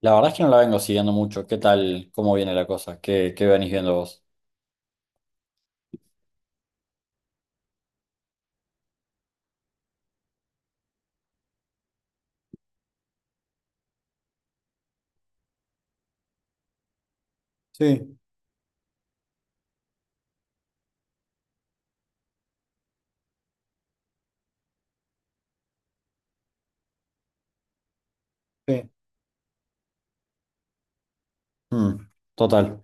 La verdad es que no la vengo siguiendo mucho. ¿Qué tal? ¿Cómo viene la cosa? ¿Qué venís viendo vos? Sí, sí. Mm, total.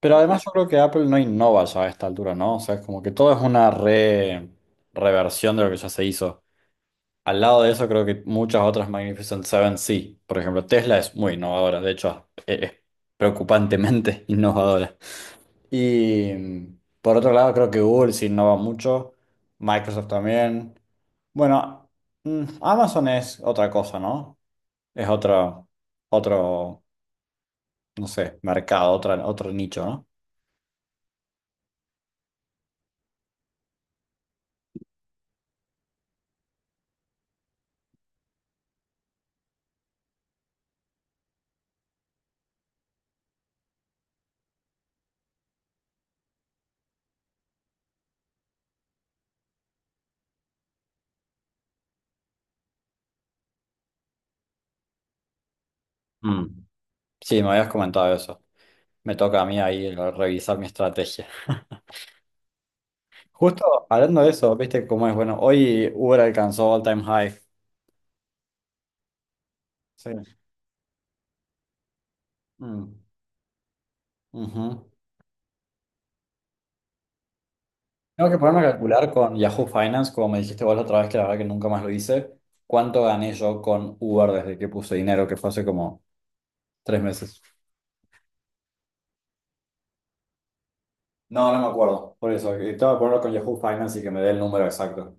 Pero además yo creo que Apple no innova ya a esta altura, ¿no? O sea, es como que todo es una reversión de lo que ya se hizo. Al lado de eso, creo que muchas otras Magnificent Seven sí. Por ejemplo, Tesla es muy innovadora, de hecho, es preocupantemente innovadora. Y por otro lado, creo que Google sí innova mucho, Microsoft también. Bueno, Amazon es otra cosa, ¿no? Es otro, no sé, mercado, otro nicho, ¿no? Mm. Sí, me habías comentado eso. Me toca a mí ahí revisar mi estrategia. Justo hablando de eso, viste cómo es. Bueno, hoy Uber alcanzó all time high. Sí. Mm, ujú. Tengo que ponerme a calcular con Yahoo Finance, como me dijiste vos la otra vez, que la verdad que nunca más lo hice. ¿Cuánto gané yo con Uber desde que puse dinero? Que fue hace como 3 meses. No, no me acuerdo. Por eso, que tengo que ponerlo con Yahoo Finance y que me dé el número exacto.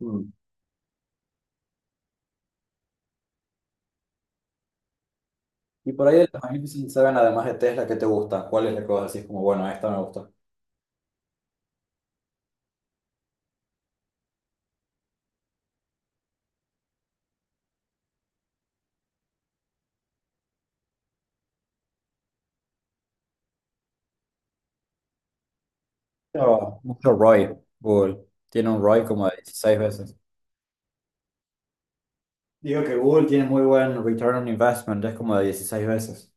Mm. Y por ahí de los Magnificent Seven, además de Tesla, ¿qué te gusta? ¿Cuál es la que vos decís como, bueno, esta me gusta? Pero mucho ROI, Google. Tiene un ROI como de 16 veces. Digo que Google tiene muy buen return on investment, es como de 16 veces.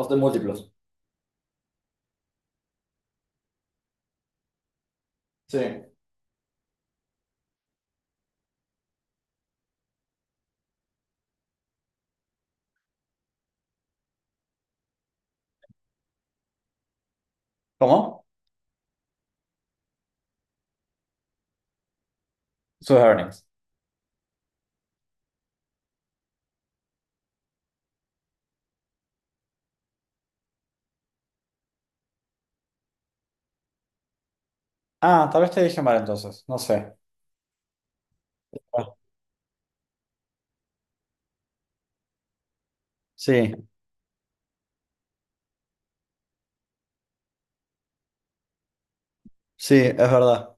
O de múltiplos. Sí. ¿Cómo? Sus earnings. Ah, tal vez te dije mal entonces, no sé. Ah, sí, sí, es verdad.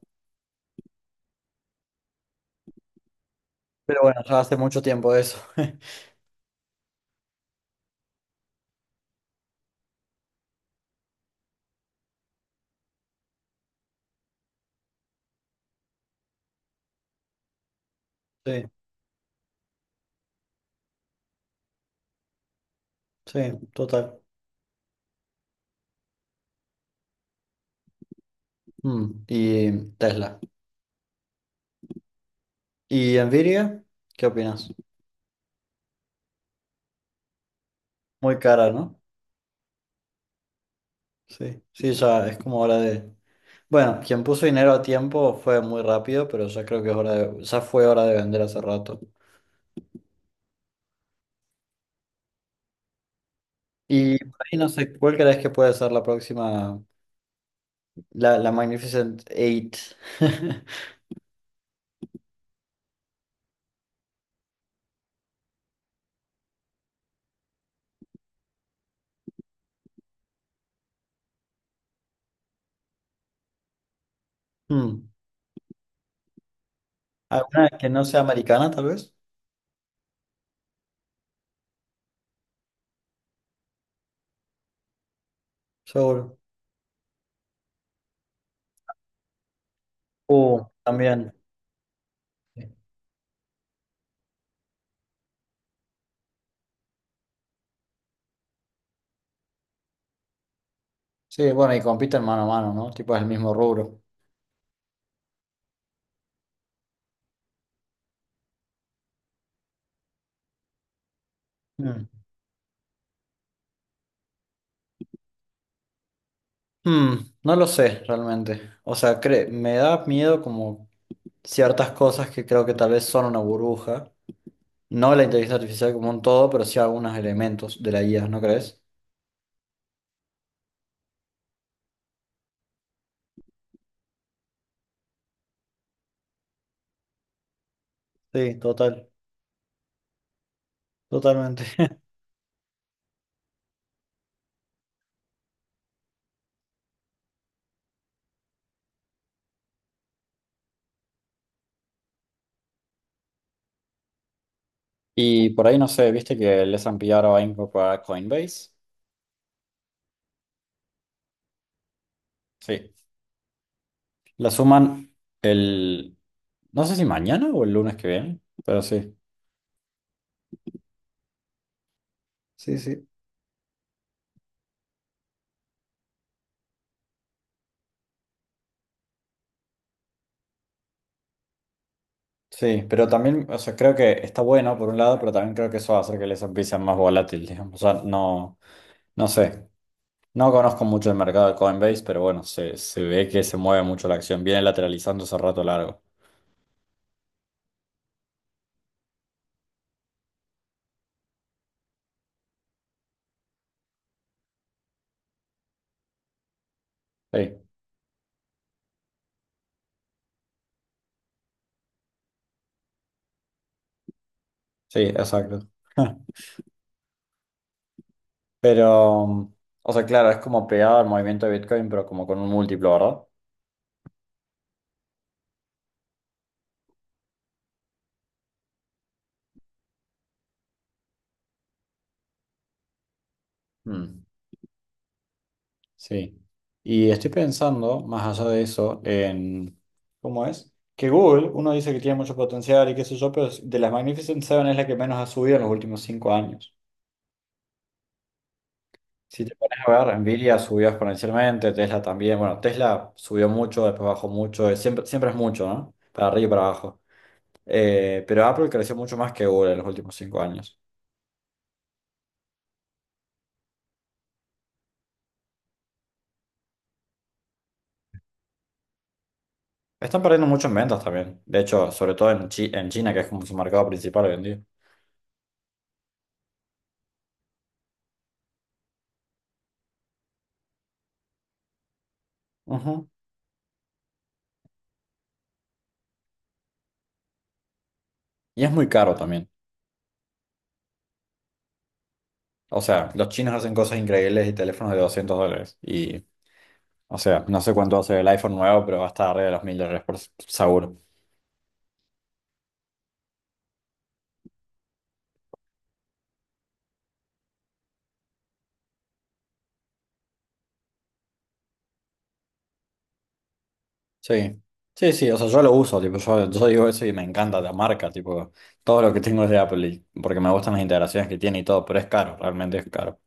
Pero bueno, ya hace mucho tiempo eso. Sí, sí, total. Mm. Y Tesla. ¿Y Nvidia? ¿Qué opinas? Muy cara, ¿no? Sí, sí, ya es como hora de... Bueno, quien puso dinero a tiempo fue muy rápido, pero ya creo que es hora de... Ya fue hora de vender hace rato. Y por ahí no sé, ¿cuál crees que puede ser la próxima, la Magnificent Eight? Hmm. ¿Alguna que no sea americana, tal vez? Seguro. También. Sí, bueno, y compiten mano a mano, ¿no? Tipo, es el mismo rubro. Mm. Hmm, no lo sé realmente. O sea, me da miedo como ciertas cosas que creo que tal vez son una burbuja. No la inteligencia artificial como un todo, pero sí algunos elementos de la IA, ¿no crees? Sí, total, totalmente. Y por ahí no sé, viste que el S&P ahora va a incorporar Coinbase. Sí, la suman el, no sé si mañana o el lunes que viene, pero sí. Sí, sí. Sí, pero también, o sea, creo que está bueno por un lado, pero también creo que eso va a hacer que el S&P sea más volátil, digamos. O sea, no, no sé, no conozco mucho el mercado de Coinbase, pero bueno, se ve que se mueve mucho la acción, viene lateralizando hace rato largo. Sí, sí, exacto. Pero, o sea, claro, es como pegado al movimiento de Bitcoin, pero como con un múltiplo, ¿verdad? Mm, sí. Y estoy pensando, más allá de eso, en cómo es que Google, uno dice que tiene mucho potencial y qué sé yo, pero de las Magnificent Seven es la que menos ha subido en los últimos 5 años. Si te pones a ver, Nvidia subió exponencialmente, Tesla también. Bueno, Tesla subió mucho, después bajó mucho, siempre es mucho, ¿no? Para arriba y para abajo. Pero Apple creció mucho más que Google en los últimos 5 años. Están perdiendo mucho en ventas también. De hecho, sobre todo en, en China, que es como su mercado principal hoy en día. Ujú. Y es muy caro también. O sea, los chinos hacen cosas increíbles y teléfonos de $200. Y, o sea, no sé cuánto va a ser el iPhone nuevo, pero va a estar arriba de los $1000 por seguro. Sí. Sí, sí, o sea, yo lo uso, tipo, yo digo eso y me encanta la marca, tipo, todo lo que tengo es de Apple, porque me gustan las integraciones que tiene y todo, pero es caro, realmente es caro.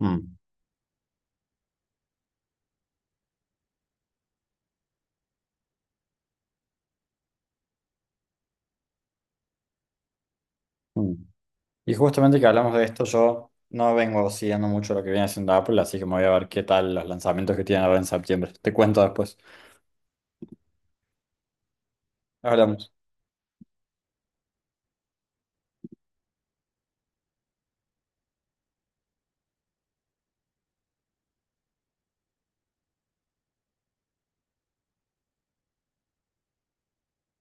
Mm, mm. Y justamente que hablamos de esto, yo no vengo siguiendo mucho lo que viene haciendo Apple, así que me voy a ver qué tal los lanzamientos que tienen ahora en septiembre. Te cuento después. Hablamos.